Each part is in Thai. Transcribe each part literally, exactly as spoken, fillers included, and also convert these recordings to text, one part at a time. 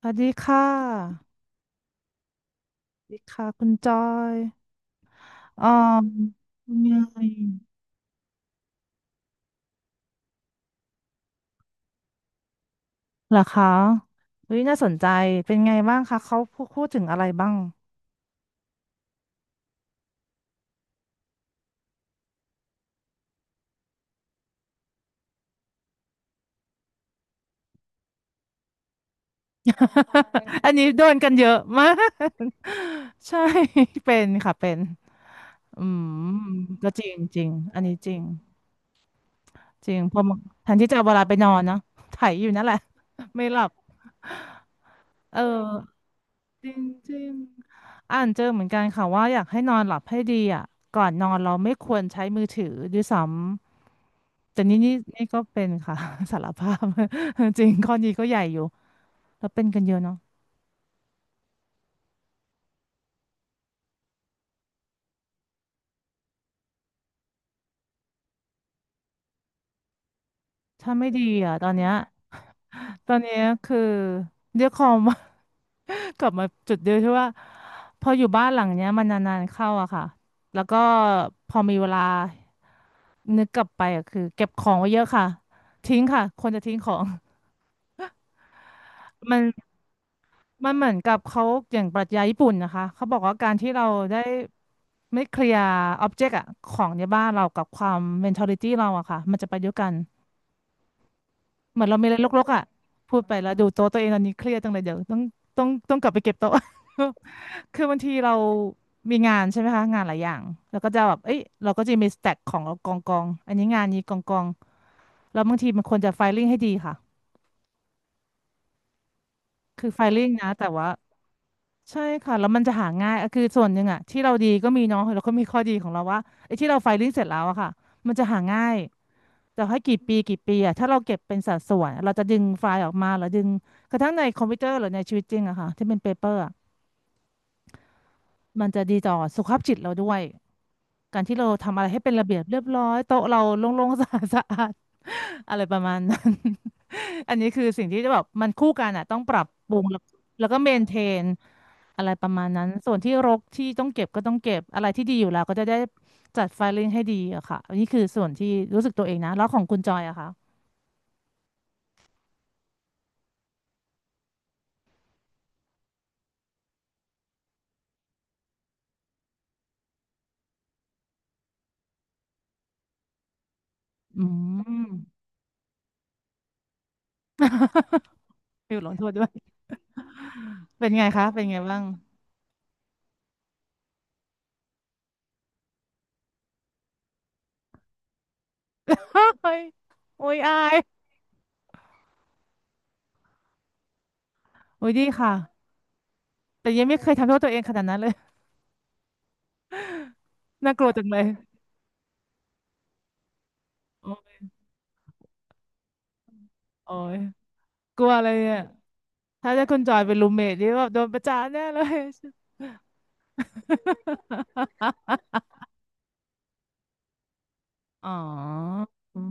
สวัสดีค่ะสวัสดีค่ะคุณจอยอ๋อเป็นไงเหรอคะเฮ้ยน่าสนใจ เป็นไงบ้างคะ เขาพูดพูดถึงอะไรบ้าง อันนี้โดนกันเยอะมาก ใช่ เป็นค่ะเป็น อืมก็จริงจริง อันนี้จริงจริงเพอแทนที่จะเอาเวลาไปนอนเนอะไถอยู่นั่นแหละ ไม่หลับ เออจริงจริงอ่านเจอเหมือนกันค่ะว่าอยากให้นอนหลับให้ดีอ่ะก่อนนอนเราไม่ควรใช้มือถือด้วยซ้ำแต่นี่นี่นี่ก็เป็นค่ะ สารภาพ จริงข้อนี้ก็ใหญ่อยู่แล้วเป็นกันเยอะเนาะถ้าไม่ดีอ่ะตอนเนี้ยตอนเนี้ยคือเรียกคอม กลับมาจุดเดียวที่ว่าพออยู่บ้านหลังเนี้ยมันนานๆเข้าอะค่ะแล้วก็พอมีเวลา นึกกลับไปอ่ะคือเก็บของไว้เยอะค่ะทิ้งค่ะคนจะทิ้งของมันมันเหมือนกับเขาอย่างปรัชญาญี่ปุ่นนะคะเขาบอกว่าการที่เราได้ไม่เคลียร์อ็อบเจกต์อะของในบ้านเรากับความเมนท a ลิตี้เราอะค่ะมันจะไปด้วยกันเหมือนเรามีอะไรรกๆอะพูดไปแล้วดูโต๊ะตัวเองตอนนี้เครียดจังเลยเดี๋ยวต้องต้องต้องกลับไปเก็บโต๊ะ คือบางทีเรามีงานใช่ไหมคะงานหลายอย่างแล้วก็จะแบบเอ้ยเราก็จะมีสแต็กของเรากองกองอันนี้งานนี้กองกองแล้วบางทีมันควรจะไฟลิ่งให้ดีค่ะ คือไฟลิ่งนะแต่ว่าใช่ค่ะแล้วมันจะหาง่ายอะคือส่วนหนึ่งอะที่เราดีก็มีเนาะแล้วก็มีข้อดีของเราว่าไอ้ที่เราไฟลิ่งเสร็จแล้วอะค่ะมันจะหาง่ายแต่ให้กี่ปีกี่ปีอะถ้าเราเก็บเป็นสัดส่วนเราจะดึงไฟล์ออกมาหรือดึงกระทั่งในคอมพิวเตอร์หรือในชีวิตจริงอะค่ะที่เป็นเปเปอร์มันจะดีต่อสุขภาพจิตเราด้วย การที่เราทำอะไรให้เป็นระเบียบเรียบร้อยโต๊ะเราโล่งๆ สะอาดสะอาด อะไรประมาณนั้น อันนี้คือสิ่งที่แบบมันคู่กันอ่ะต้องปรับปรุงแล้วแล้วก็เมนเทนอะไรประมาณนั้นส่วนที่รกที่ต้องเก็บก็ต้องเก็บอะไรที่ดีอยู่แล้วก็จะได้จัดไฟลิ่งให้ดีอะค่ะอันนี้คือส่วนที่รู้สึกตัวเองนะแล้วของคุณจอยอะคะอืม ฟิวหลงโทษด้วยเป็นไงคะเป็นไงบ้าง เฮ้ ยโอ้ยอายโอ้ยดีค่ะแต่ยังไม่เคยทำโทษตัวเองขนาดนั้นเลย น่ากลัวจังเลย โอ้ยโอ้ยกลัวอะไรเนี่ย ถ้าได้คุณจอยเป็นรูมเมทนี่แบบโดนประจานแน่เลย อ๋ออืม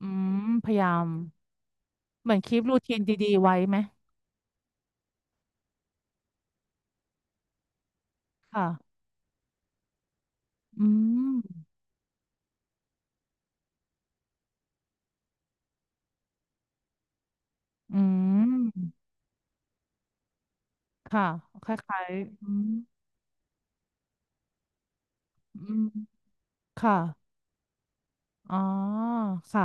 อืม พยายาม เหมือนคลิปรูทีนดีๆไว้ไหม ค่ะ อืม อืม ค่ะคล้ายๆอืมอืมค่ะ อ๋อ ค่ะ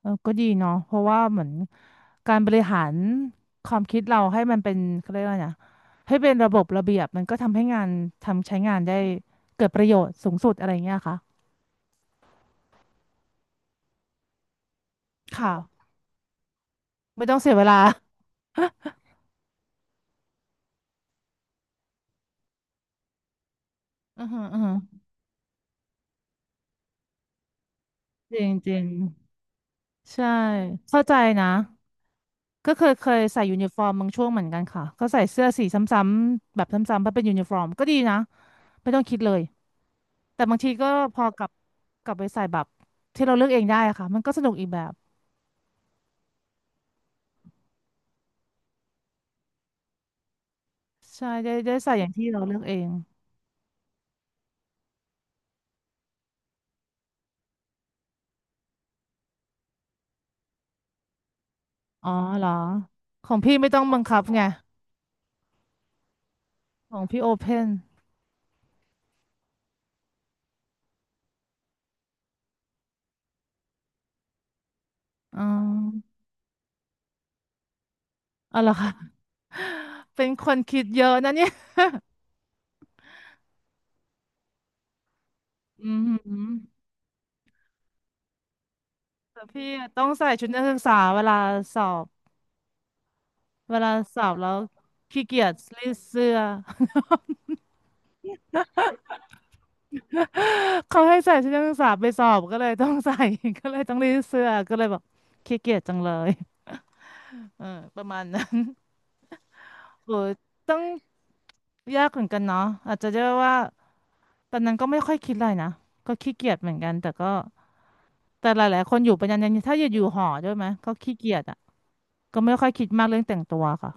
เออก็ดีเนาะเพราะว่าเหมือนการบริหารความคิดเราให้มันเป็นเขาเรียกว่าไงนะให้เป็นระบบระเบียบมันก็ทำให้งานทำใช้งานได้เกิดประโยชน์สูงสุดอะไรเงี้ยค่ะค่ะไม่ต้องเสียเวลาอือฮึอือฮึจริงจริงใช่เข้าใจนะก็เคยเคยใส่ยูนิฟอร์มบางช่วงเหมือนกันค่ะก็ใส่เสื้อสีซ้ำๆแบบซ้ำๆเพราะเป็นยูนิฟอร์มก็ดีนะไม่ต้องคิดเลยแต่บางทีก็พอกลับกลับไปใส่แบบที่เราเลือกเองได้อะค่ะมันก็สนุกอีกแบบ ใช่ได้ได้ใส่อย่างที่เราเลือกเอง อ๋อเหรอของพี่ไม่ต้องบังคับไงของพี่โอเพนอ๋อเอาเหรอคะ เป็นคนคิดเยอะนะเนี่ยอืมหืมแต่พี่อะต้องใส่ชุดนักศึกษาเวลาสอบ เวลาสอบแล้วขี้เกียจรีดเสื้อ เขาให้ใส่ชุดนักศึกษาไปสอบก็เลยต้องใส่ ก็เลยต้องรีดเสื้อก็เลยบอกขี้เกียจจังเลยเออประมาณนั้น โอ้ยต้องยากเหมือนกันเนาะอาจจะเรียกว่าตอนนั้นก็ไม่ค่อยคิดอะไรนะก็ขี้เกียจเหมือนกันแต่ก็แต่หลายๆคนอยู่เป็นยันยันถ้าอยู่อยู่หอด้วยไหมก็ขี้เกียจอ่ะก็ไม่ค่อยคิดมากเรื่องแต่งตัวค่ะ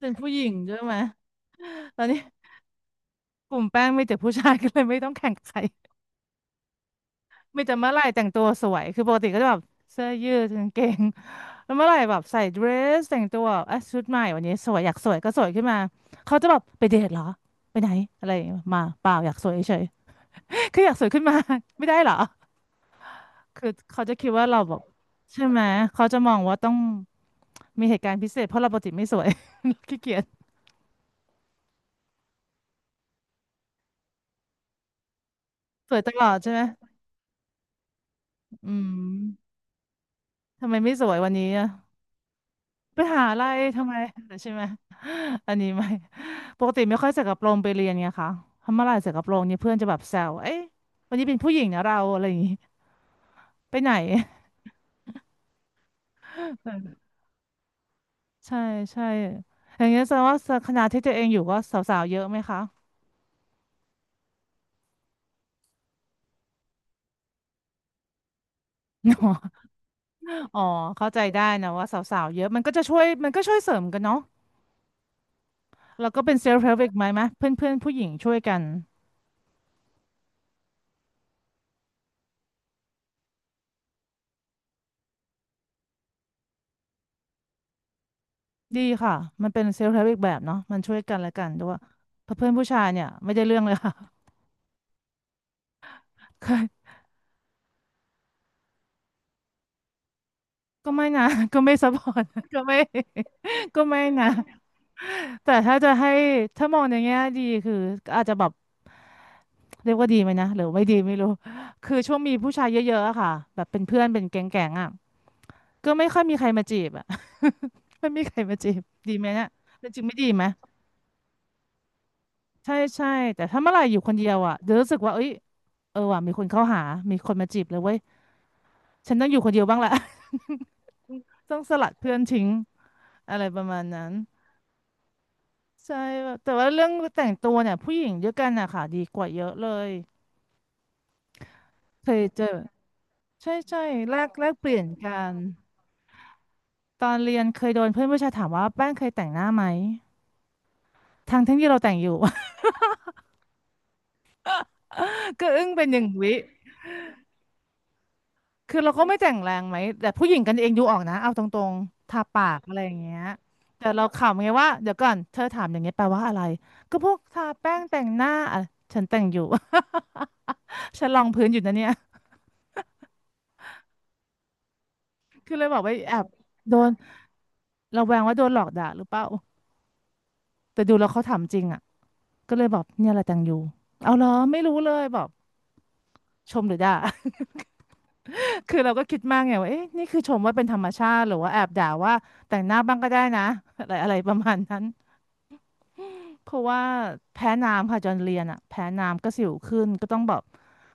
เป็นผู้หญิงด้วยไหมตอนนี้กลุ่มแป้งมีแต่ผู้ชาย ก็เลยไม่ต้องแข่งกับใคร มีแต่เมื่อไหร่แต่งตัวสวย คือปกติก็จะแบบเสื้อยืดกางเกง แล้วเมื่อไหร่แบบใส่เดรสแต่งตัวแบบอ่ะชุดใหม่วันนี้สวยอยากสวยก็สวยขึ้นมาเขาจะแบบไปเดทเหรอไปไหนอะไรอย่างเงี้ยมาเปล่าอยากสวยเฉย ๆคืออยากสวยขึ้นมา ไม่ได้เหรอ คือเขาจะคิดว่าเราแบบใช่ไหมเขาจะมองว่าต้องมีเหตุการณ์พิเศษเพราะเราปกติไม่สวย ขี้เกียจสวยตลอดใช่ไหมอืมทำไมไม่สวยวันนี้อะ ไปหาอะไรทำไมใช่ไหม อันนี้ไม่ ปกติไม่ค่อยใส่กระโปรงไปเรียนไงคะทำอะไรใส่กระโปรงเนี่ยเพื่อนจะแบบแซวเอ้ยวันนี้เป็นผู้หญิงนะเราอะไรอย่างงี้ไปไหน ใช่ใช่อย่างเงี้ยแสดงว่าคณะที่ตัวเองอยู่ก็สาวๆเยอะไหมคะ อ๋ออ๋อเข้าใจได้นะว่าสาวๆเยอะมันก็จะช่วยมันก็ช่วยเสริมกันเนาะแล้วก็เป็นเซลฟ์เฮล์อีกไหมไหมเพื่อนๆผู้หญิงช่วยกันดีค่ะมันเป็นเซลฟ์เฮล์อีกแบบเนาะมันช่วยกันและกันด้วยเพราะเพื่อนผู้ชายเนี่ยไม่ได้เรื่องเลยค่ะ เคย ก็ไม่นะ ก็ไม่ซัพพอร์ต ก็ไม่ ก็ไม่นะแต่ถ้าจะให้ถ้ามองในแง่ดีคืออาจจะแบบเรียกว่าดีไหมนะหรือไม่ดีไม่รู้คือช่วงมีผู้ชายเยอะๆอะค่ะแบบเป็นเพื่อนเป็นแก๊งๆอะก็ไม่ค่อยมีใครมาจีบอะ ไม่มีใครมาจีบดีไหมเนี่ยแต่จริงไม่ดีไหมใช่ใช่แต่ถ้าเมื่อไหร่อยู่คนเดียวอะเดี๋ยวรู้สึกว่าเอ้ยเออว่ะมีคนเข้าหามีคนมาจีบเลยเว้ยฉันต้องอยู่คนเดียวบ้างแหละ ต้องสลัดเพื่อนทิ้งอะไรประมาณนั้น ใช่แบบแต่ว่าเรื่องแต่งตัวเนี่ยผู้หญิงด้วยกันอะค่ะดีกว่าเยอะเลยเคยเจอใช่ใช่แลกแลกเปลี่ยนกันตอนเรียนเคยโดนเพื่อนผู้ชายถามว่าแป้งเคยแต่งหน้าไหมทั้งทั้งที่เราแต่งอยู่ ก็อึ้งเป็นหนึ่งวิคือเราก็ไม่แต่งแรงไหมแต่ผู้หญิงกันเองดูออกนะเอาตรงๆทาปากอะไรอย่างเงี้ยแต่เราขำไงว่าเดี๋ยวก่อนเธอถามอย่างเงี้ยแปลว่าอะไรก็พวกทาแป้งแต่งหน้าอะฉันแต่งอยู่ ฉันลองพื้นอยู่นะเนี่ยคือเลยบอกว่าแอบโดน เราแวงว่าโดนหลอกด่าหรือเปล่าแต่ดูแล้วเขาถามจริงอ่ะก็เลยบอกเนี่ยแหละแตงยูเอาเหรอไม่รู้เลยบอกชมหรือด่า คือเราก็คิดมากไงว่าเอ๊ะนี่คือชมว่าเป็นธรรมชาติหรือว่าแอบด่าว่าแต่งหน้าบ้างก็ได้นะ อะไรอะไรประมาณนั้น เพราะว่าแพ้น้ำค่ะจอนเรียนอ่ะแพ้น้ำก็สิวขึ้นก็ต้องแบบ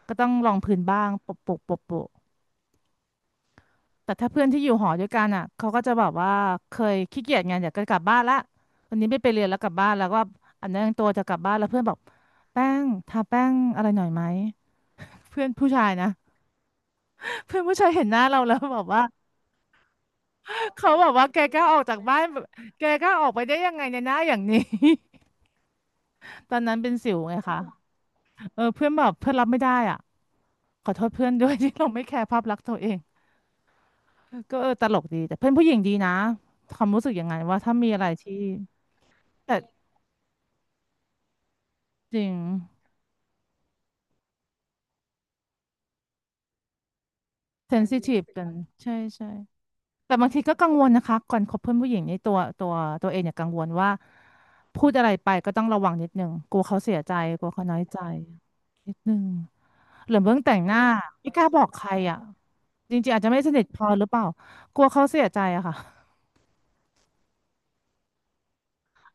ก็ต้องลองพื้นบ้างโปะโปะโปะโปะ แต่ถ้าเพื่อนที่อยู่หอด้วยกันอ่ะเขาก็จะแบบว่าเคยขี้เกียจไงอยากจะกลับบ้านละวันนี้ไม่ไปเรียนแล้วกลับบ้านแล้วก็อันนั้นตัวจะกลับบ้านแล้วเพื่อนบอกแป้งทาแป้งอะไรหน่อยไหมเพื่อนผู้ชายนะ เพื่อนผู้ชายเห็นหน้าเราแล้วบอกว่าเขาบอกว่าแกกล้าออกจากบ้านแบบแกกล้าออกไปได้ยังไงในหน้าอย่างนี้ ตอนนั้นเป็นสิวไงคะเออเพื่อนแบบเพื่อนรับไม่ได้อ่ะขอโทษเพื่อนด้วย ที่เราไม่แคร์ภาพลักษณ์ตัวเองก็เออตลกดีแต่เพื่อนผู้หญิงดีนะความรู้สึกอย่างไงว่าถ้ามีอะไรที่แต่จริง เซนซิทีฟกันใช่ใช่แต่บางทีก็กังวลนะคะก่อนคบเพื่อนผู้หญิงนี่ตัวตัวตัวเองเนี่ยกังวลว่าพูดอะไรไปก็ต้องระวังนิดนึงกลัวเขาเสียใจกลัวเขาน้อยใจนิดนึงหรือเบื้องแต่งหน้าไม่กล้าบอกใครอ่ะจริงๆอาจจะไม่สนิทพอหรือเปล่ากลัวเขาเสียใจอะค่ะ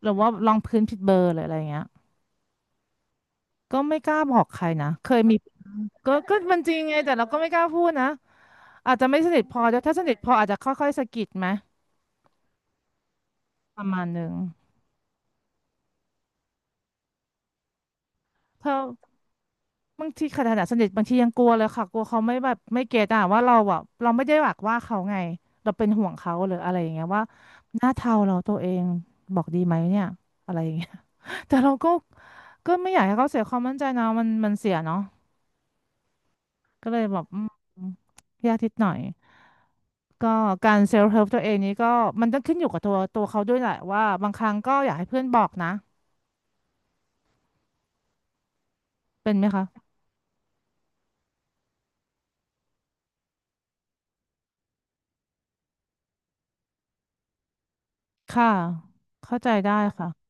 หรือว่าลองพื้นผิดเบอร์หรืออะไรอย่างเงี้ยก็ไม่กล้าบอกใครนะเคยมีก็ก็มันจริงไงแต่เราก็ไม่กล้าพูดนะอาจจะไม่สนิทพอด้วยถ้าสนิทพออาจจะค่อยๆสะกิดไหมประมาณหนึ่งเธอ บางทีขนาดสนิทบางทียังกลัวเลยค่ะกลัวเขาไม่แบบไม่เก็ตอ่ะว่าเราอ่ะเราไม่ได้หวักว่าเขาไงเราเป็นห่วงเขาหรืออะไรอย่างเงี้ยว่าหน้าเทาเราตัวเองบอกดีไหมเนี่ยอะไรอย่างเงี้ย แต่เราก็ก็ไม่อยากให้เขาเสียความมั่นใจนะมันมันเสียเนาะก็เลยแบบอืมยากนิดหน่อยก็การเซลฟ์เฮลป์ตัวเองนี้ก็มันต้องขึ้นอยู่กับตัวตัวเขาด้วยแหละว่าบางครั้งก็อยากให้เพื่อนบอกนะเป็นไหมคะค่ะเข้าใจได้ค่ะ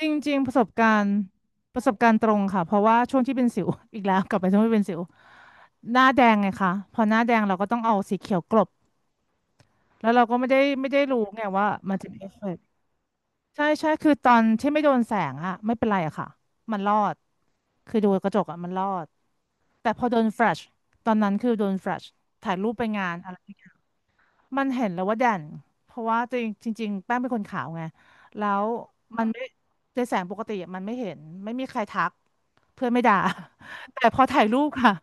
จริงๆประสบการณ์ประสบการณ์ตรงค่ะเพราะว่าช่วงที่เป็นสิว อีกแล้วกลับไปช่วงที่เป็นสิวหน้าแดงไงคะพอหน้าแดงเราก็ต้องเอาสีเขียวกลบแล้วเราก็ไม่ได้ไม่ได้รู้ไงว่ามันจะมีเอฟเฟกต์ใช่ใช่คือตอนที่ไม่โดนแสงอะไม่เป็นไรอะค่ะมันรอดคือดูกระจกอะมันรอดแต่พอโดนแฟลชตอนนั้นคือโดนแฟลชถ่ายรูปไปงานอะไร่มันเห็นแล้วว่าแดนเพราะว่าจริงจริงๆแป้งเป็นคนขาวไงแล้วมันไม่ในแสงปกติอะมันไม่เห็นไม่มีใครทัก เพื่อนไม่ด่า แต่พอถ่ายรูปค่ะ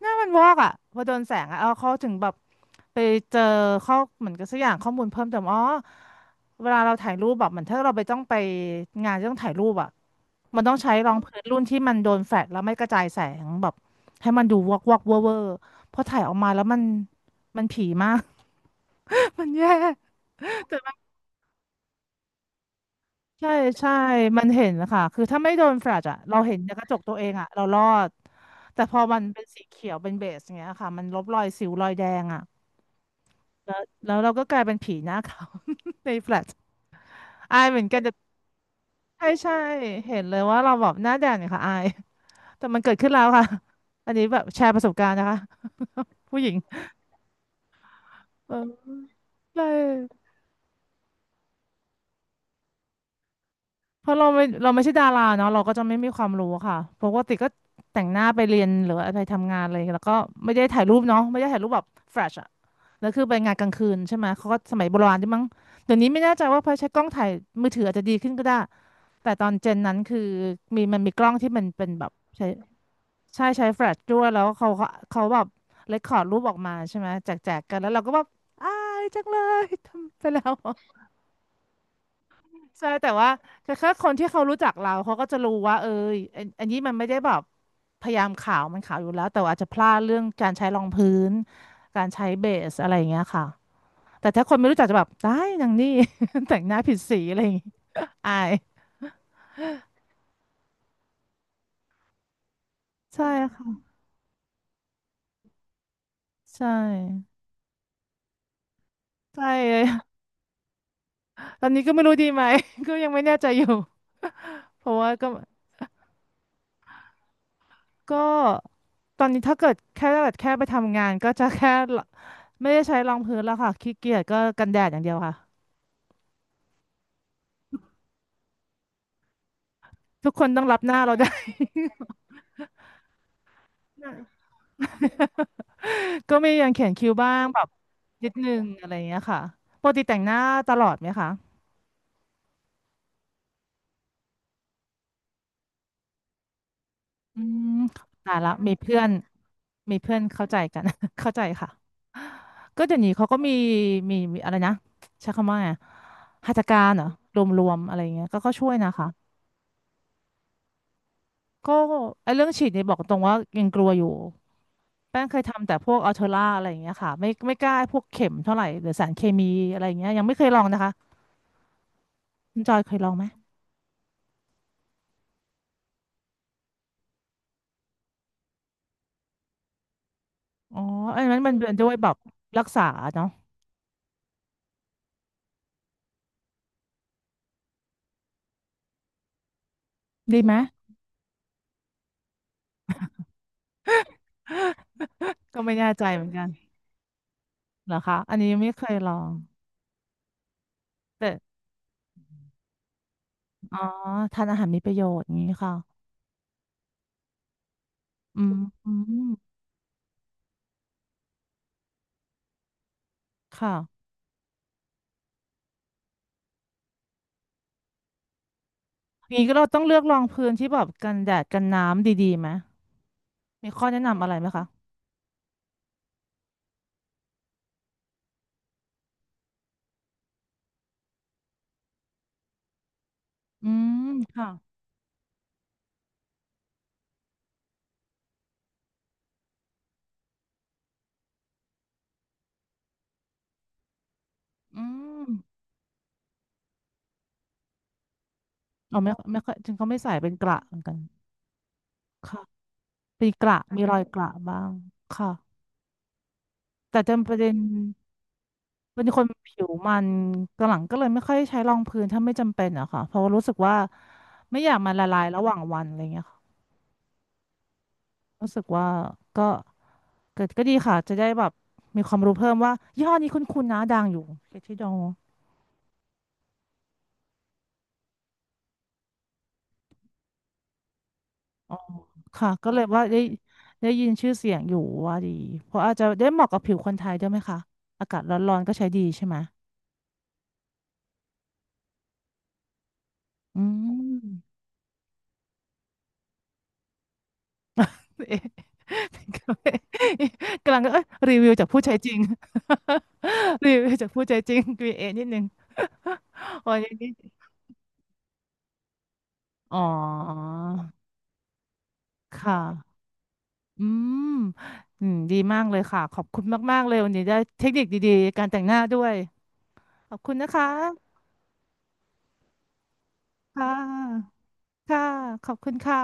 หน้ามันวอกอ่ะพอโดนแสงอ่ะเอาเขาถึงแบบไปเจอข้อเหมือนกับสักอย่างข้อมูลเพิ่มเติมอ๋อเวลาเราถ่ายรูปแบบเหมือนถ้าเราไปต้องไปงานที่ต้องถ่ายรูปอ่ะมันต้องใช้รองพื้นรุ่นที่มันโดนแฟลชแล้วไม่กระจายแสงแบบให้มันดูวอกวอกเวอร์เวอร์พอถ่ายออกมาแล้วมันมันผีมาก มันแย่ ใช่ใช่ มันเห็นนะคะคือถ้าไม่โดนแฟลชอะเราเห็นในกระจกตัวเองอะเรารอด แต่พอมันเป็นสีเขียวเป็นเบสอย่างเงี้ยค่ะมันลบรอยสิวรอยแดงอะแล้วแล้วเราก็กลายเป็นผีหน้าขาว ในแฟลชอายเหมือนกันแต่ใช่ใช่เห็นเลยว่าเราแบบหน้าแดงเนี่ยค่ะอาย แต่มันเกิดขึ้นแล้วค่ะ อันนี้แบบแชร์ประสบการณ์นะคะ ผู้หญิงเออใช่ เพราะเราไม่เราไม่ใช่ดาราเนาะเราก็จะไม่มีความรู้ค่ะปกติก็แต่งหน้าไปเรียนหรือว่าไปทำงานเลยแล้วก็ไม่ได้ถ่ายรูปเนาะไม่ได้ถ่ายรูปแบบแฟลชอะแล้วคือไปงานกลางคืนใช่ไหมเขาก็สมัยโบราณใช่มั้งเดี๋ยวนี้ไม่แน่ใจว่าพอใช้กล้องถ่ายมือถืออาจจะดีขึ้นก็ได้แต่ตอนเจนนั้นคือมีมันมีกล้องที่มันเป็นแบบใช้ใช่ใช้แฟลชด้วยแล้วเขาเขาเขาแบบเรคคอร์ดรูปออกมาใช่ไหมแจกแจกกันแล้วเราก็แบบอายจังเลยทำไปแล้ว ใช่แต่ว่าแต่แค่คนที่เขารู้จักเราเขาก็จะรู้ว่าเอออันอันนี้มันไม่ได้แบบพยายามขาวมันขาวอยู่แล้วแต่ว่าอาจจะพลาดเรื่องการใช้รองพื้นการใช้เบสอะไรอย่างเงี้ยค่ะแต่ถ้าคนไม่รู้จักจะแบบได้นางนี่ แต่งหน้าผิดสีอะไรอย่างงี้อายใช่ค่ะใช่ใช่เลย ตอนนี้ก็ไม่รู้ดีไหม ก็ยังไม่แน่ใจอยู่เพราะว่าก็ก็ตอนนี้ถ้าเกิดแค่ถ้าเกิดแค่ไปทำงานก็จะแค่ไม่ได้ใช้รองพื้นแล้วค่ะขี้เกียจก็กันแดดอย่างเดียวค่ะ ทุกคนต้องรับหน้าเราได้ ก็มียังเขียนคิ้วบ้างแบบนิดนึงอะไรอย่างเงี้ยค่ะปกติแต่งหน้าตลอดไหมคะอืมตายละมีเพื่อนมีเพื่อนเข้าใจกัน เข้าใจค่ะก็เดี๋ยวนี้เขาก็มีมีมีอะไรนะใช้คำว่าไงหัตถการเหรอรวมๆอะไรอย่างเงี้ยก็ก็ช่วยนะคะก็ไอ้เรื่องฉีดเนี่ยบอกตรงว่ายังกลัวอยู่แป้งเคยทำแต่พวกอัลเทอร่าอะไรอย่างเงี้ยค่ะไม่ไม่กล้าพวกเข็มเท่าไหร่หรือสารเคมีอะไรอย่างเงี้ยยังไม่เคยลองนะคะคุณจอยเคยลองไหม อ๋ออันนั้นมันเป็นด้วยแบบรักษาเนาะดีไหมก็ไม่แน่ใจเหมือนกันเหรอคะอันนี้ยังไม่เคยลองแต่อ๋อทานอาหารมีประโยชน์อย่างนี้ค่ะอืมอืมค่ะอย่างนี้ก็เราต้องเลือกรองพื้นที่แบบกันแดดกันน้ำดีๆไหมมีข้อแนะนำอะไรไหมคะอืมค่ะอืมเอาไม่ไม่ค่อยจริงเขาไม่ใส่เป็นกระเหมือนกันค่ะปีกระมีรอยกระบ้างค่ะแต่จำประเด็น เป็นคนผิวมันกหลังก็เลยไม่ค่อยใช้รองพื้นถ้าไม่จำเป็นอะค่ะเพราะว่ารู้สึกว่าไม่อยากมันละลายระหว่างวันอะไรเงี้ยค่ะรู้สึกว่าก็เกิดก็ดีค่ะจะได้แบบมีความรู้เพิ่มว่ายี่ห้อนี้คุ้นๆนะดังอยู่เคที่ดองค่ะก็เลยว่าได้ได้ยินชื่อเสียงอยู่ว่าดีเพราะอาจจะได้เหมาะกับผิวคนไทยด้วยไหมคะอากาศร้อนๆก็ใช้ดีใช่ไหมอืม กำลังเอ้ยรีวิวจากผู้ใช้จริง รีวิวจากผู้ใช้จริง คิว เอ นิดนึง วันนี้นีอ๋อค่ะอืมอืมดีมากเลยค่ะขอบคุณมากๆเลยวันนี้ได้เทคนิคดีๆการแต่งหน้าด้วยขอบคุณนะคะค่ะค่ะขอบคุณค่ะ